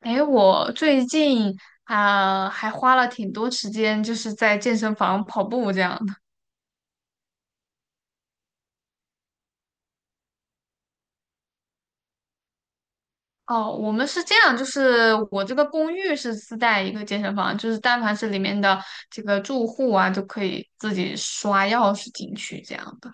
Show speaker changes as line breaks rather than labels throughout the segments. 诶，我最近还花了挺多时间，就是在健身房跑步这样的。哦，我们是这样，就是我这个公寓是自带一个健身房，就是但凡是里面的这个住户啊，就可以自己刷钥匙进去这样的。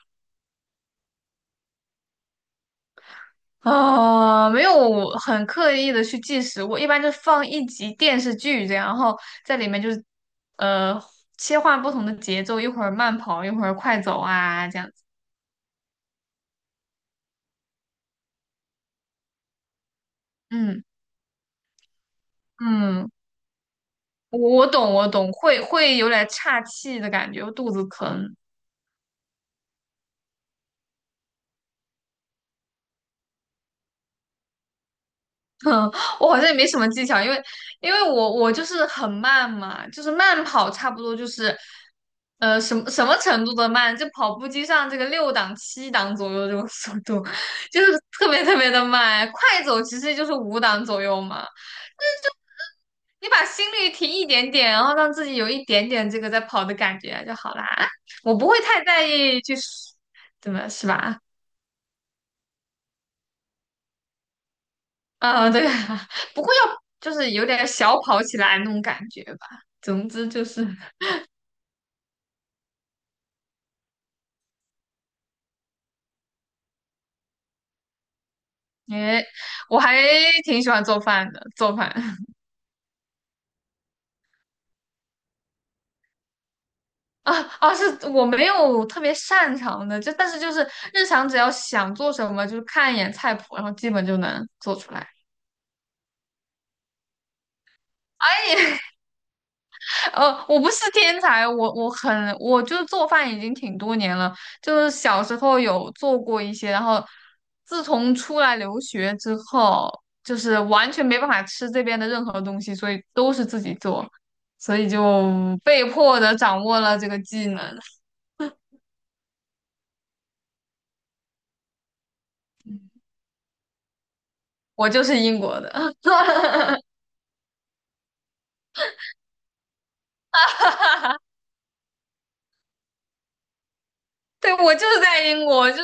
没有很刻意的去计时，我一般就放一集电视剧这样，然后在里面就是呃切换不同的节奏，一会儿慢跑，一会儿快走啊这样子。嗯嗯。我懂，我懂，会有点岔气的感觉，肚子疼。我好像也没什么技巧，因为我就是很慢嘛，就是慢跑，差不多就是，什么程度的慢，就跑步机上这个六档七档左右这种速度，就是特别特别的慢。快走其实就是五档左右嘛，你把心率提一点点，然后让自己有一点点这个在跑的感觉就好啦。我不会太在意去，怎么是吧？啊，对啊，不过要就是有点小跑起来那种感觉吧。总之就是，哎，我还挺喜欢做饭的，做饭 啊是我没有特别擅长的，就但是就是日常只要想做什么，就是看一眼菜谱，然后基本就能做出来。我不是天才，我就是做饭已经挺多年了，就是小时候有做过一些，然后自从出来留学之后，就是完全没办法吃这边的任何东西，所以都是自己做，所以就被迫的掌握了这个技能。我就是英国的，对，我就是在英国，就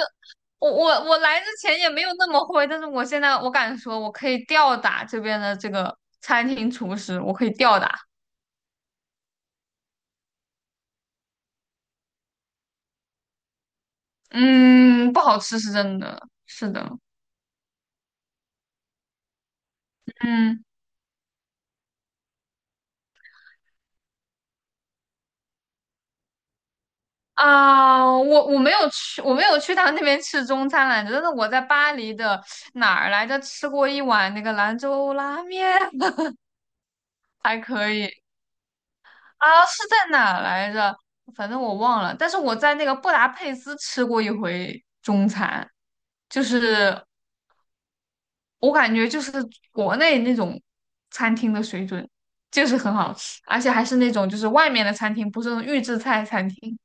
我来之前也没有那么会，但是我现在我敢说，我可以吊打这边的这个餐厅厨师，我可以吊打。嗯，不好吃是真的，是的，嗯啊，我没有去，我没有去他那边吃中餐来着，但是我在巴黎的哪儿来着吃过一碗那个兰州拉面，还可以啊，是在哪儿来着？反正我忘了，但是我在那个布达佩斯吃过一回中餐，就是我感觉就是国内那种餐厅的水准，就是很好吃，而且还是那种就是外面的餐厅，不是那种预制菜餐厅。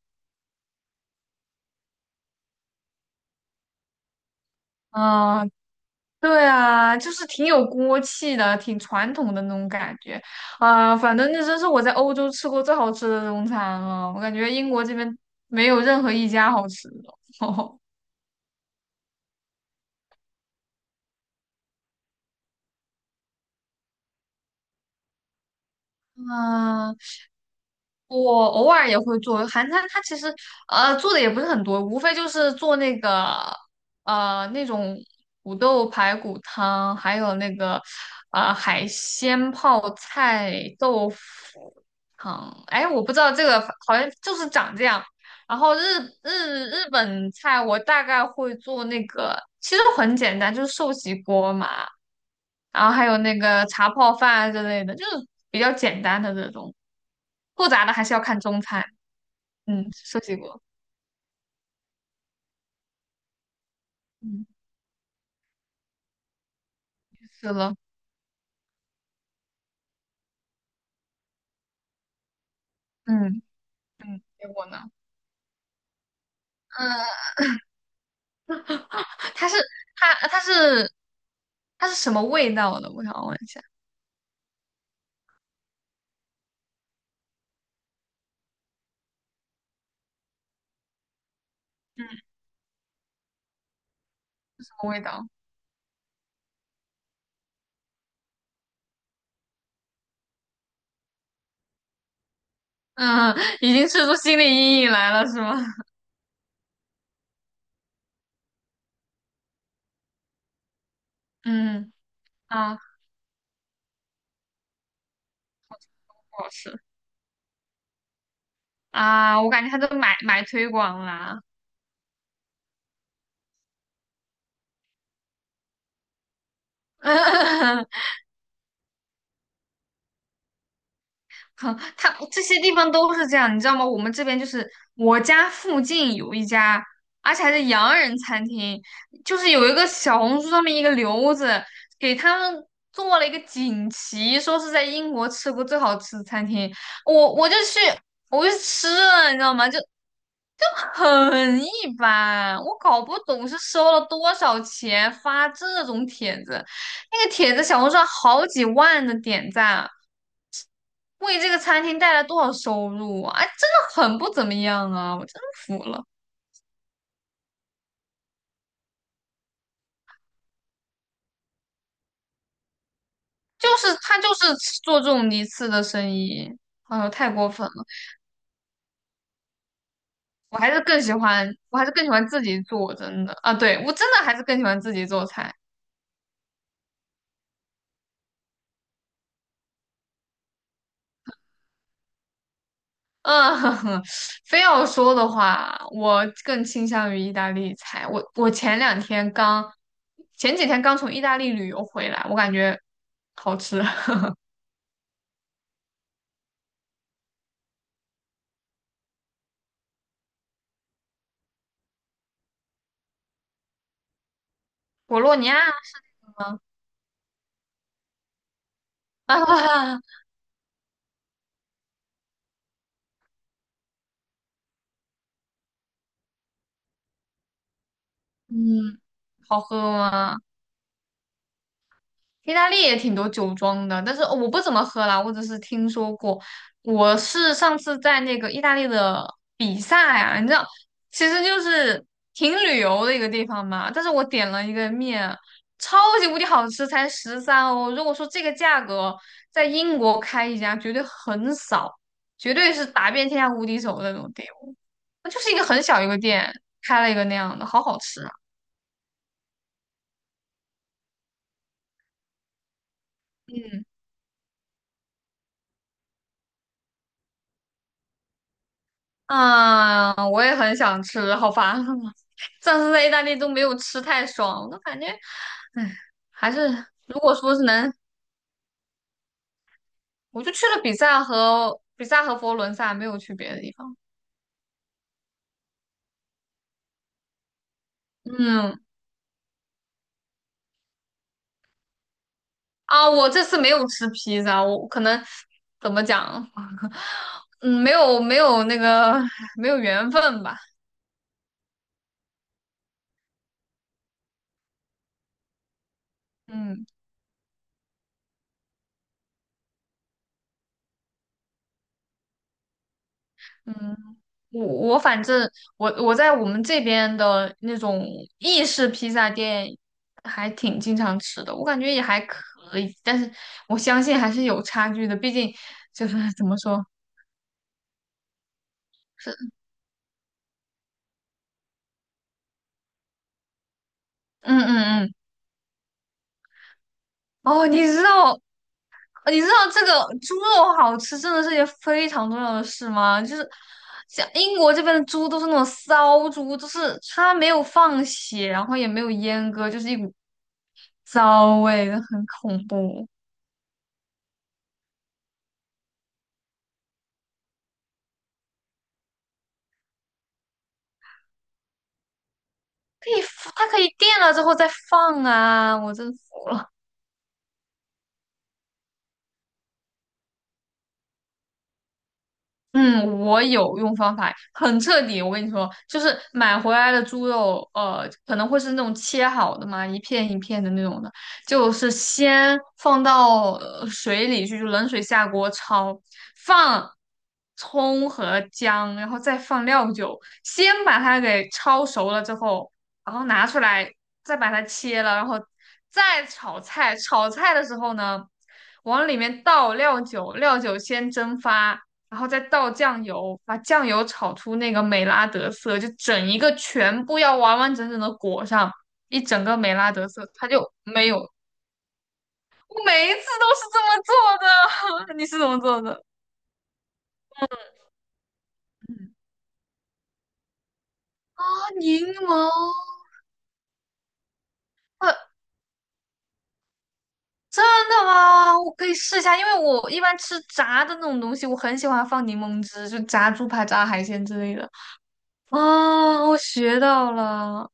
嗯，对啊，就是挺有锅气的，挺传统的那种感觉啊，反正那真是我在欧洲吃过最好吃的中餐了，我感觉英国这边没有任何一家好吃的。嗯。我偶尔也会做韩餐，它其实做的也不是很多，无非就是做那个那种土豆排骨汤，还有那个海鲜泡菜豆腐汤。哎，我不知道这个好像就是长这样。然后日本菜我大概会做那个，其实很简单，就是寿喜锅嘛。然后还有那个茶泡饭之类的，就是比较简单的这种，复杂的还是要看中餐。嗯，涉及过，嗯，是了，嗯，结果呢？嗯，它是它它是它是什么味道的？我想问一下，嗯，什么味道？嗯，已经吃出心理阴影来了是吗？嗯啊，不好吃啊，我感觉他都买推广啦。哼，他这些地方都是这样，你知道吗？我们这边就是我家附近有一家，而且还是洋人餐厅，就是有一个小红书上面一个留子给他们做了一个锦旗，说是在英国吃过最好吃的餐厅。我就去，我就去吃了，你知道吗？就很一般，我搞不懂是收了多少钱发这种帖子，那个帖子小红书上好几万的点赞，为这个餐厅带来多少收入啊！哎，真的很不怎么样啊，我真服了。他就是做这种一次的生意，哎呦，太过分了！我还是更喜欢，我还是更喜欢自己做，真的啊，对，我真的还是更喜欢自己做菜。嗯，非要说的话，我更倾向于意大利菜。我我前两天刚，前几天刚从意大利旅游回来，我感觉好吃，博洛尼亚啊，嗯，好喝吗？意大利也挺多酒庄的，但是我不怎么喝啦，我只是听说过。我是上次在那个意大利的比萨呀，你知道，其实就是挺旅游的一个地方嘛。但是我点了一个面，超级无敌好吃，才13 欧。如果说这个价格在英国开一家，绝对很少，绝对是打遍天下无敌手的那种店。那就是一个很小一个店，开了一个那样的，好好吃啊！嗯。啊，我也很想吃，好烦啊！上次在意大利都没有吃太爽，我感觉，唉，还是如果说是能，我就去了比萨和佛罗伦萨，没有去别的地方。嗯，啊，我这次没有吃披萨，我可能怎么讲，嗯，没有缘分吧，嗯。嗯，我反正我在我们这边的那种意式披萨店还挺经常吃的，我感觉也还可以，但是我相信还是有差距的，毕竟就是 怎么说是嗯嗯嗯哦，你知道这个猪肉好吃真的是一件非常重要的事吗？就是像英国这边的猪都是那种骚猪，就是它没有放血，然后也没有阉割，就是一股骚味，很恐怖。可以，它可以垫了之后再放啊！我真服了。嗯，我有用方法，很彻底。我跟你说，就是买回来的猪肉，可能会是那种切好的嘛，一片一片的那种的，就是先放到水里去，就冷水下锅焯，放葱和姜，然后再放料酒，先把它给焯熟了之后，然后拿出来，再把它切了，然后再炒菜。炒菜的时候呢，往里面倒料酒，料酒先蒸发。然后再倒酱油，把酱油炒出那个美拉德色，就整一个全部要完完整整的裹上一整个美拉德色，它就没有。我每一次都是这么做的，你是怎么做的？嗯啊，柠檬，呃，真的吗？我可以试一下，因为我一般吃炸的那种东西，我很喜欢放柠檬汁，就炸猪排、炸海鲜之类的。啊，我学到了，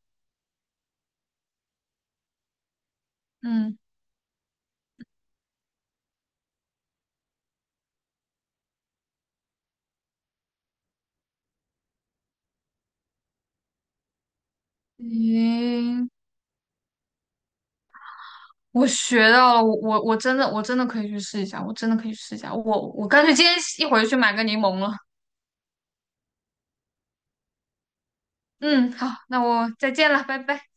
嗯，行，我学到了，我真的可以去试一下，我真的可以去试一下，我干脆今天一会儿就去买个柠檬了。嗯，好，那我再见了，拜拜。